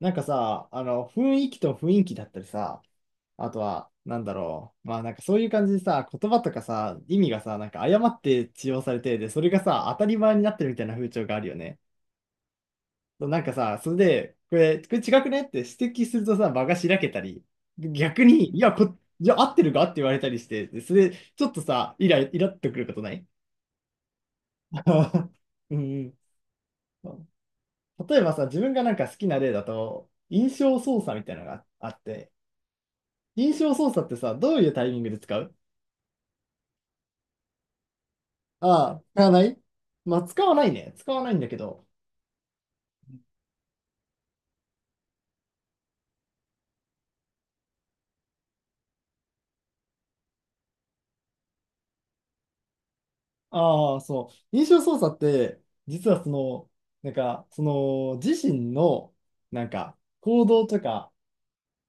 なんかさ、雰囲気と雰囲気だったりさ、あとは、なんだろう。まあなんかそういう感じでさ、言葉とかさ、意味がさ、なんか誤って使用されて、で、それがさ、当たり前になってるみたいな風潮があるよね。そうなんかさ、それで、これ違くねって指摘するとさ、場がしらけたり、逆に、いや、いや、合ってるかって言われたりして、でそれ、ちょっとさ、イラっとくることない？ うんうん。例えばさ、自分がなんか好きな例だと、印象操作みたいなのがあって、印象操作ってさ、どういうタイミングで使う？ああ、使わない。まあ、使わないね。使わないんだけど。ああ、そう。印象操作って、実はその、なんか、その、自身の、なんか、行動とか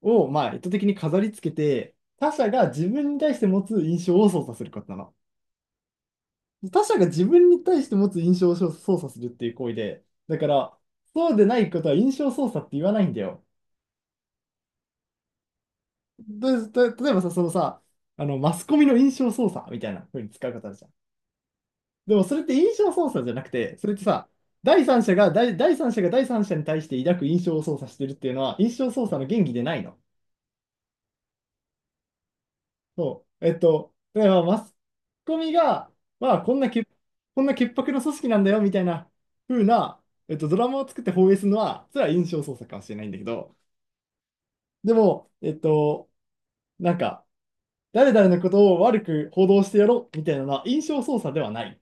を、まあ、意図的に飾り付けて、他者が自分に対して持つ印象を操作することなの。他者が自分に対して持つ印象を操作するっていう行為で、だから、そうでないことは印象操作って言わないんだよ。で、例えばさ、そのさ、マスコミの印象操作みたいな風に使う方あるじゃん。でもそれって印象操作じゃなくて、それってさ、第三者が第三者に対して抱く印象を操作してるっていうのは、印象操作の原理でないの。そう。えっと、だからマスコミが、まあ、こんな潔白な組織なんだよみたいな風な、えっと、ドラマを作って放映するのは、それは印象操作かもしれないんだけど、でも、えっと、なんか、誰々のことを悪く報道してやろうみたいなのは印象操作ではない。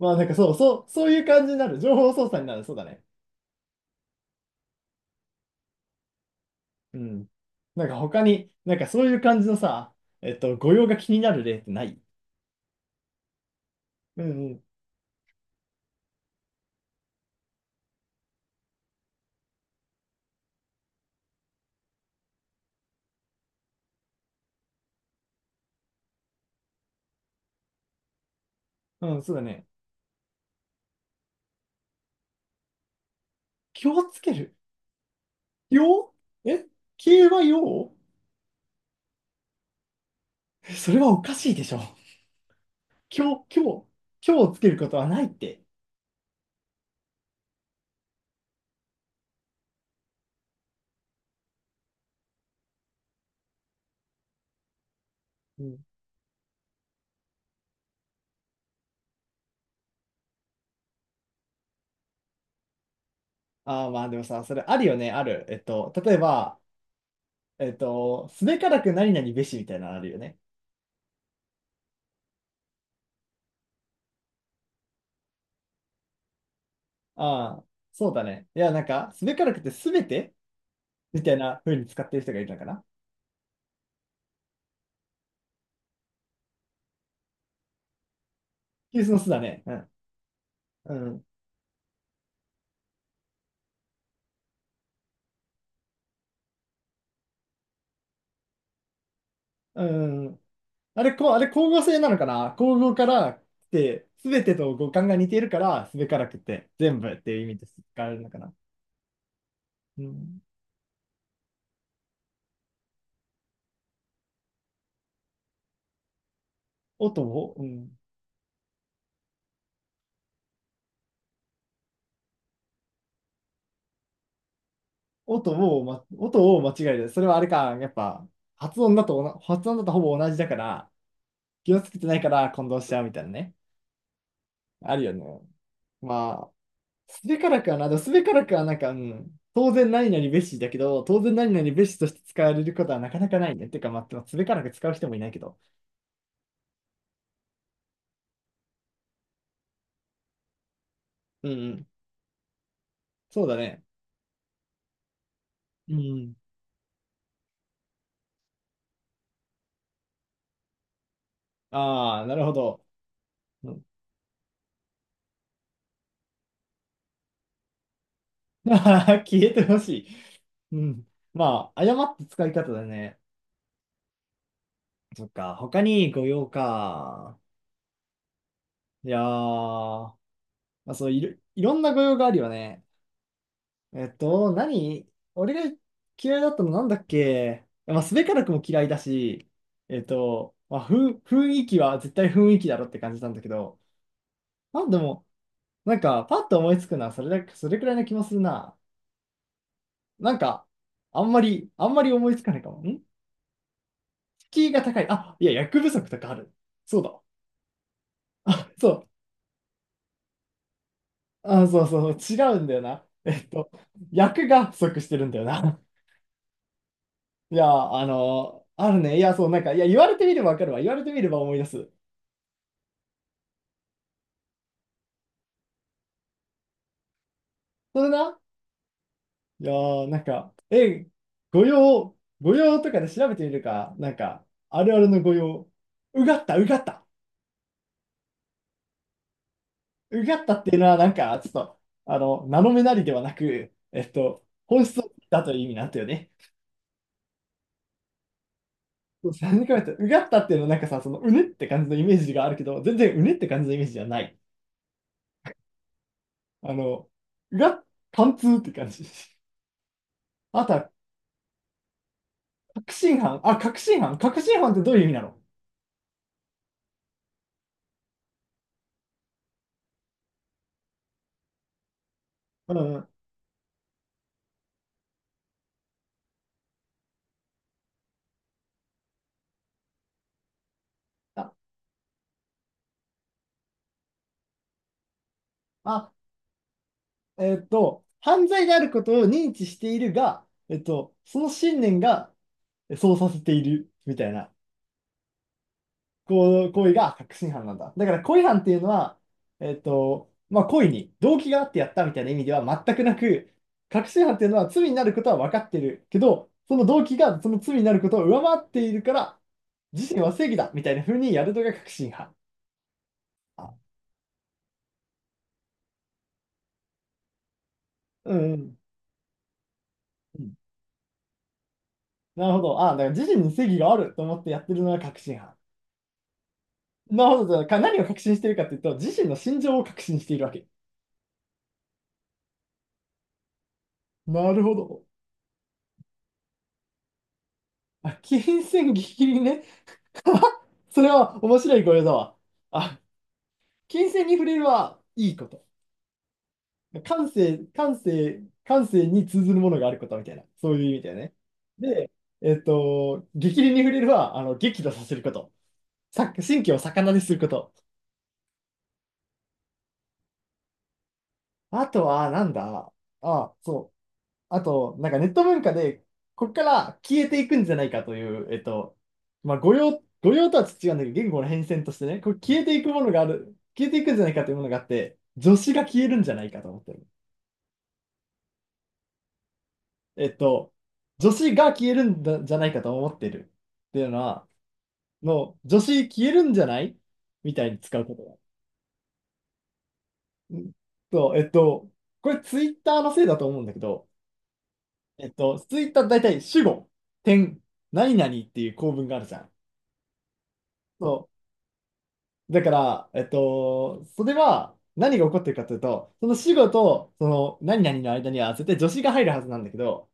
まあなんかそうそう、そういう感じになる。情報操作になる。そうだね。うん。なんか他に、なんかそういう感じのさ、えっと、語用が気になる例ってない？うんうん。うん、そうだね。気をつける。よえ気はよ それはおかしいでしょ。今日、今日、今日をつけることはないって。うん。ああ、まあでもさ、それあるよね、ある。例えば、すべからく何々べしみたいなのあるよね。ああ、そうだね。いや、なんか、すべからくてすべてみたいな風に使ってる人がいるのかな。急須の巣だね。うん。うん。うん。あれ、こう、あれ、光合成なのかな光合から来て、すべてと五感が似ているから、すべからくて全部っていう意味で使われるのかな。うん。うん。音音を間違える。それはあれか、やっぱ、発音だとほぼ同じだから、気をつけてないから混同しちゃうみたいなね。あるよね。まあ、すべからくはな、でもすべからくはなんか、うん、当然何々べしだけど、当然何々べしとして使われることはなかなかないね。てか、まあ、すべからく使う人もいないけど。うんうん。そうだね。うん。ああ、なるほど。うん、消えてほしい。うん。まあ、誤った使い方だね。そっか。他に御用か。いやー、まあ、そういろんな御用があるよね。えっと、何俺が嫌いだったのなんだっけ。まあ、すべからくも嫌いだし、えっと、まあ、雰囲気は絶対雰囲気だろって感じなんだけど、まあでも、なんか、パッと思いつくのはそれだけ、それくらいな気もするな。なんか、あんまり思いつかないかも。敷居が高い。あ、いや、役不足とかある。そうだ。そう。あ、そうそうそう、違うんだよな。えっと、役が不足してるんだよな。いや、あの、あるね。いや、そう、なんか、いや、言われてみればわかるわ。言われてみれば思い出す。それな。いやー、なんか、御用、御用とかで調べてみるか。なんか、あるあるの御用、うがった、うがった、うがったっていうのは、なんか、ちょっと、あの、名の目なりではなく、えっと、本質だという意味なんだよね。そうさんじか言と、うがったっていうのは、なんかさ、その、うねって感じのイメージがあるけど、全然うねって感じのイメージじゃない。あの、うがっ、貫通って感じ。あとは、確信犯。あ、確信犯。確信犯ってどういう意味なの？うんうん。あ、あ犯罪であることを認知しているが、えっと、その信念がそうさせているみたいな、こう、行為が確信犯なんだ。だから、故意犯っていうのは、えっと、まあ、故意に動機があってやったみたいな意味では全くなく、確信犯っていうのは罪になることは分かってるけど、その動機がその罪になることを上回っているから、自身は正義だみたいな風にやるのが確信犯。あ。うん、うん。うん。なるほど。あ、だから自身に正義があると思ってやってるのが確信犯。なるほど。何を確信しているかというと、自身の心情を確信しているわけ。なるほど。あ、金銭ギリギリね。それは面白い語彙だわ。あ、金銭に触れるはいいこと。感性に通ずるものがあることみたいな。そういう意味だよね。で、えっと、激励に触れるは、あの、激怒させること。神経を逆なですること。あとは、なんだ。あ、そう。あと、なんかネット文化で、ここから消えていくんじゃないかという、えっと、まあ、誤用とは違うんだけど、言語の変遷としてね、これ消えていくものがある、消えていくんじゃないかというものがあって、助詞が消えるんじゃないかと思ってる。えっと、助詞が消えるんだじゃないかと思ってるっていうのは、助詞消えるんじゃないみたいに使うことが。うんえっと、これツイッターのせいだと思うんだけど、えっと、ツイッター大体主語、点、何々っていう構文があるじゃん。そう。だから、えっと、それは何が起こってるかというと、その死後とその何々の間には絶対助詞が入るはずなんだけど、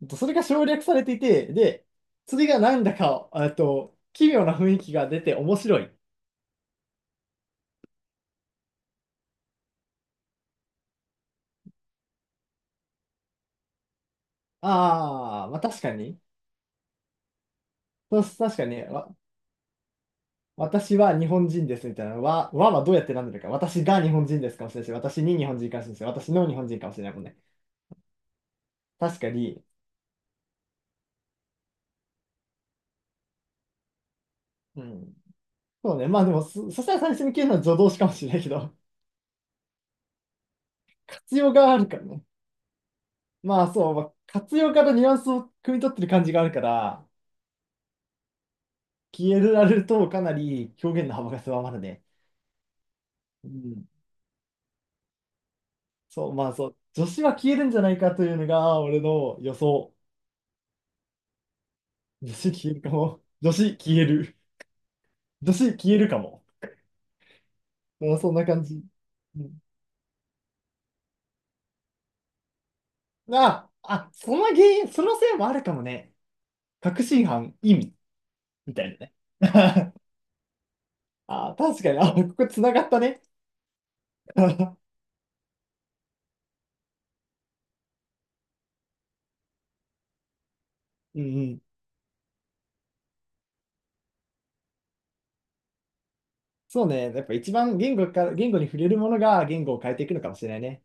えっとそれが省略されていて、で、それがなんだか、えっと、奇妙な雰囲気が出て面白い。ああ、まあ確かに。そう確かに、私は日本人ですみたいなのは、わはどうやってなんだか。私が日本人ですかもしれないし、私に日本人かもしれないし、私の日本人かもしれないもんね。確かに。うん。そうね。まあでも、そしたら最初に消えるのは助動詞かもしれないけど、活用があるからね。まあそう、まあ、活用からニュアンスを汲み取ってる感じがあるから、消えられるとかなり表現の幅が狭まるね。うん。そう、まあそう、女子は消えるんじゃないかというのが俺の予想。女子消えるかも。女子消える。女子消えるかも。うん、そんな感じ。うん。その原因、そのせいもあるかもね。確信犯、意味、みたいなね。あ、確かに、あ、ここ繋がったね。うんうん。そうね。やっぱ一番言語に触れるものが言語を変えていくのかもしれないね。